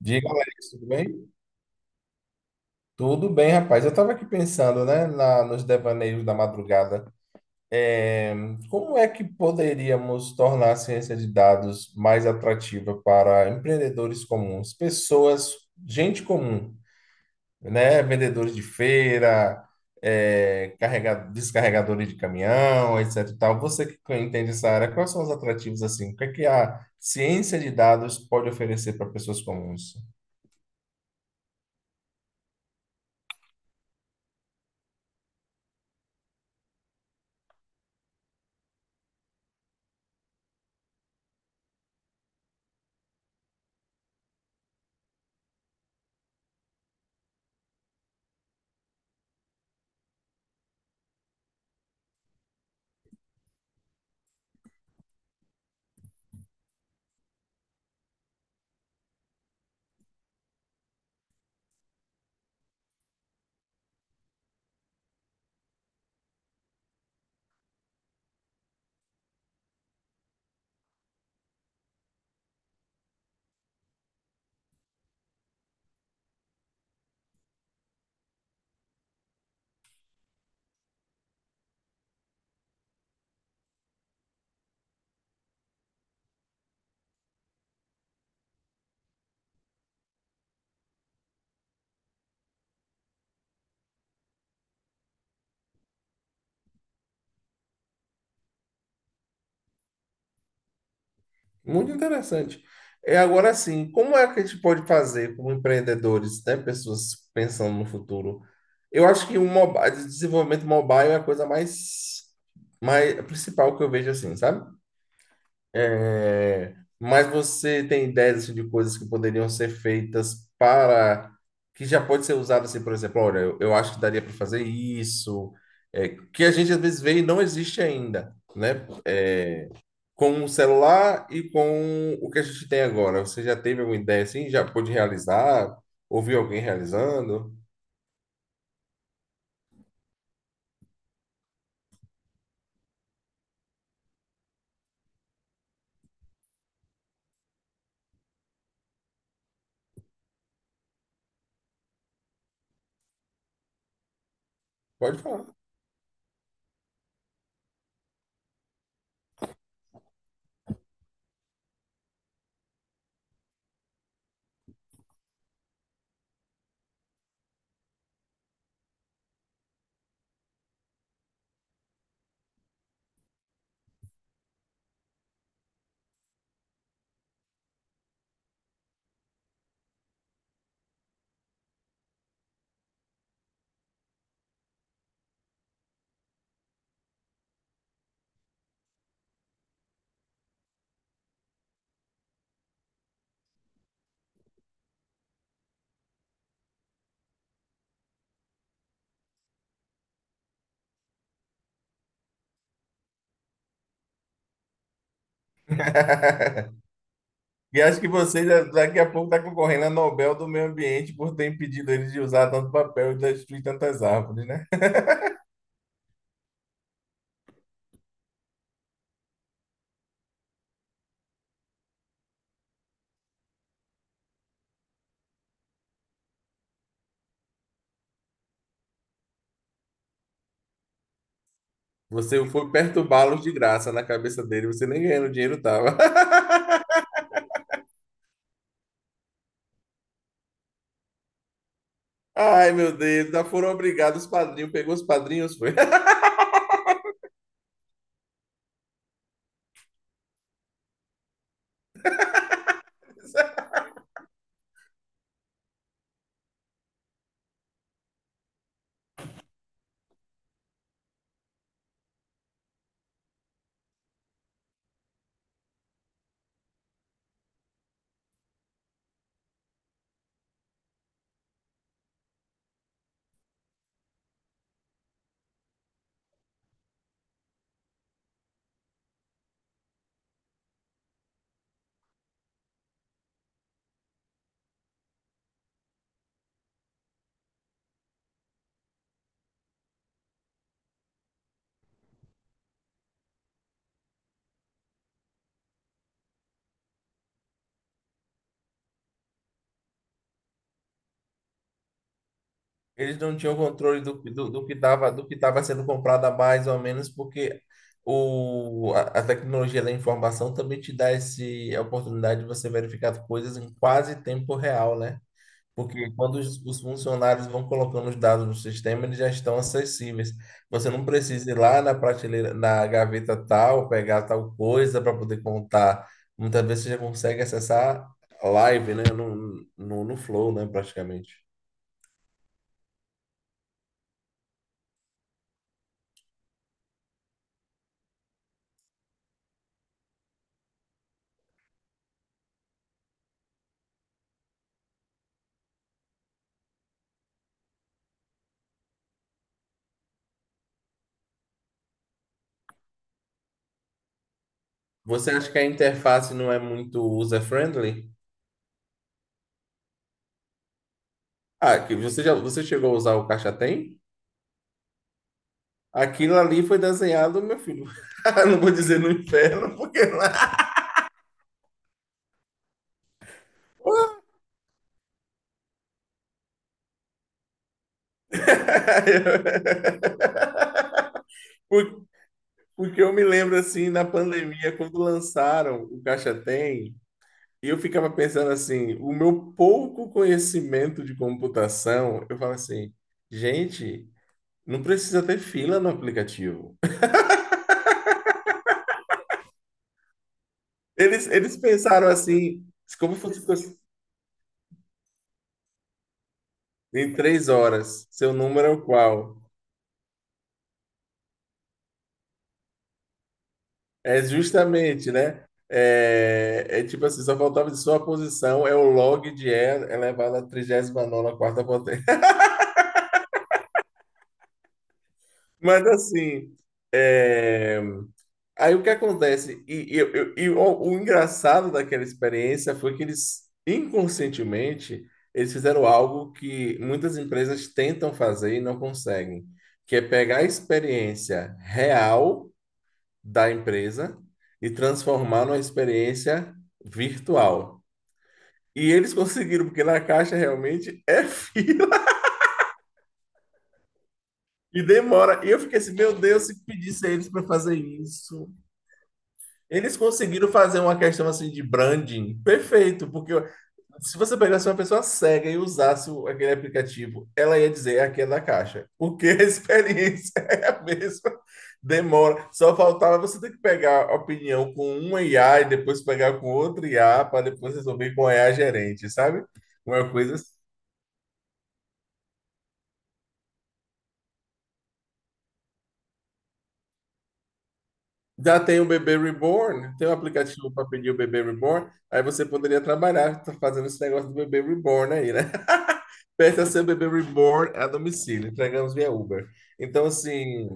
Diga, Alex, tudo bem? Tudo bem, rapaz. Eu estava aqui pensando, né, nos devaneios da madrugada. É, Como é que poderíamos tornar a ciência de dados mais atrativa para empreendedores comuns, pessoas, gente comum, né? Vendedores de feira, descarregadores de caminhão, etc. e tal. Você que entende essa área, quais são os atrativos assim? O que é que a ciência de dados pode oferecer para pessoas comuns? Muito interessante. É, agora assim, como é que a gente pode fazer como empreendedores, né, pessoas pensando no futuro? Eu acho que o desenvolvimento mobile é a coisa mais, mais principal que eu vejo assim, sabe? É, mas você tem ideias assim, de coisas que poderiam ser feitas para que já pode ser usado assim, por exemplo, olha, eu acho que daria para fazer isso, é, que a gente às vezes vê e não existe ainda, né? É, com o celular e com o que a gente tem agora. Você já teve alguma ideia assim? Já pôde realizar? Ouviu alguém realizando? Pode falar. E acho que daqui a pouco está concorrendo a Nobel do Meio Ambiente por ter impedido eles de usar tanto papel e destruir tantas árvores, né? Você foi perturbá-los de graça na cabeça dele, você nem ganhando dinheiro tava. Ai, meu Deus, já foram obrigados os padrinhos, pegou os padrinhos, foi. Eles não tinham controle do que estava sendo comprado a mais ou menos, porque a tecnologia da informação também te dá esse, a oportunidade de você verificar coisas em quase tempo real, né? Porque quando os funcionários vão colocando os dados no sistema, eles já estão acessíveis. Você não precisa ir lá na prateleira, na gaveta tal, pegar tal coisa para poder contar. Muitas vezes você já consegue acessar live, né? No Flow, né? Praticamente. Você acha que a interface não é muito user-friendly? Ah, que você já, você chegou a usar o Caixa Tem? Aquilo ali foi desenhado, meu filho. Não vou dizer no inferno, porque lá. Por- Porque eu me lembro assim, na pandemia, quando lançaram o Caixa Tem, e eu ficava pensando assim, o meu pouco conhecimento de computação, eu falo assim, gente, não precisa ter fila no aplicativo. Eles pensaram assim, como se fosse. Em três horas. Seu número é o qual? É justamente, né? É, é tipo assim, só faltava de sua posição, é o log de E elevado à 39 nona quarta potência. Mas assim, é, aí o que acontece? O engraçado daquela experiência foi que eles, inconscientemente, eles fizeram algo que muitas empresas tentam fazer e não conseguem, que é pegar a experiência real da empresa e transformar numa experiência virtual. E eles conseguiram, porque na caixa realmente é fila e demora. E eu fiquei assim, meu Deus, se pedisse a eles para fazer isso, eles conseguiram fazer uma questão assim de branding perfeito, porque se você pegasse uma pessoa cega e usasse aquele aplicativo, ela ia dizer: "É aquele da caixa, porque a experiência é a mesma." Demora, só faltava você ter que pegar a opinião com uma IA e depois pegar com outra IA para depois resolver com a IA gerente, sabe? Uma coisa assim. Já tem o Bebê Reborn, tem um aplicativo para pedir o Bebê Reborn, aí você poderia trabalhar tá fazendo esse negócio do Bebê Reborn aí, né? Peça seu bebê reborn é a domicílio. Entregamos via Uber. Então, assim,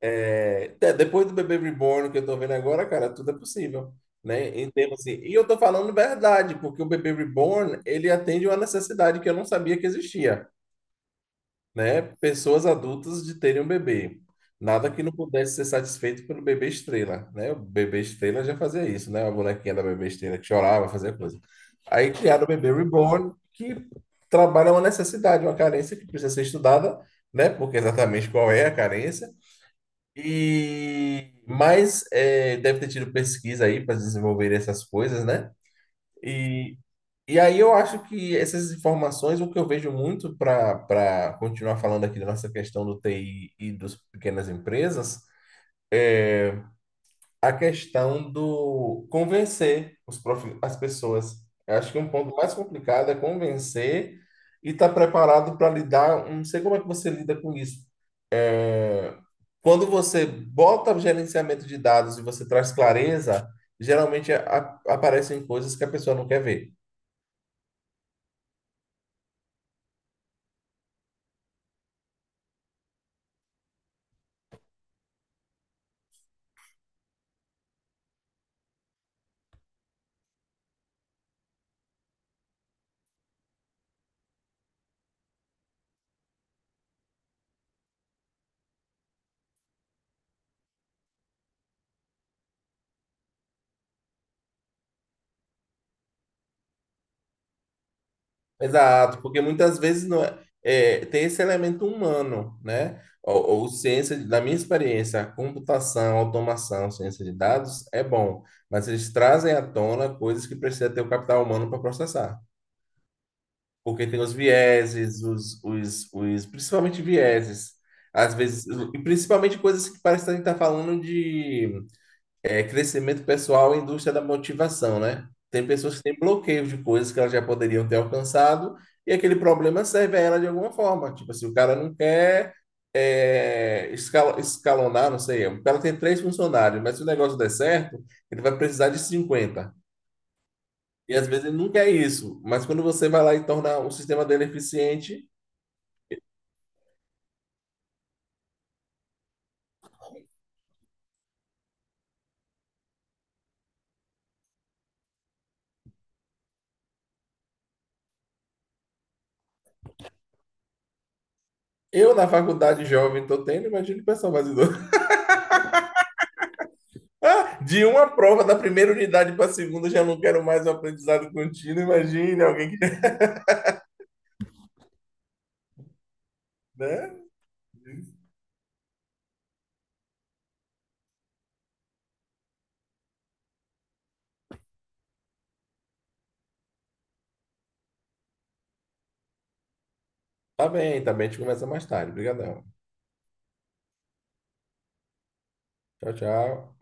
é, tá, depois do bebê reborn que eu tô vendo agora, cara, tudo é possível, né? Em termos assim, e eu tô falando verdade, porque o bebê reborn, ele atende uma necessidade que eu não sabia que existia, né, pessoas adultas de terem um bebê. Nada que não pudesse ser satisfeito pelo bebê estrela, né? O bebê estrela já fazia isso, né? A bonequinha da bebê estrela que chorava, fazia coisa. Aí criaram o bebê reborn, que trabalha uma necessidade, uma carência que precisa ser estudada, né? Porque exatamente qual é a carência. E mas é, deve ter tido pesquisa aí para desenvolver essas coisas, né? E e aí eu acho que essas informações, o que eu vejo muito para continuar falando aqui da nossa questão do TI e das pequenas empresas, a questão do convencer as pessoas. Eu acho que um ponto mais complicado é convencer e estar preparado para lidar. Não sei como é que você lida com isso. Quando você bota gerenciamento de dados e você traz clareza, geralmente aparecem coisas que a pessoa não quer ver. Exato, porque muitas vezes não é, é, tem esse elemento humano, né? Ou ciência, da minha experiência, a computação, automação, ciência de dados é bom, mas eles trazem à tona coisas que precisa ter o capital humano para processar, porque tem os vieses, principalmente vieses, às vezes, e principalmente coisas que parece que a gente está falando de é crescimento pessoal e indústria da motivação, né? Tem pessoas que têm bloqueios de coisas que elas já poderiam ter alcançado e aquele problema serve a ela de alguma forma. Tipo assim, o cara não quer escalonar, não sei, o cara tem 3 funcionários, mas se o negócio der certo, ele vai precisar de 50. E às vezes ele não quer isso, mas quando você vai lá e torna o sistema dele eficiente, eu na faculdade jovem estou tendo, imagina o pessoal mais idoso. Ah, de uma prova da primeira unidade para a segunda, já não quero mais o aprendizado contínuo. Imagine alguém que. Né? Tá bem, tá bem. A gente começa mais tarde. Obrigadão. Tchau, tchau.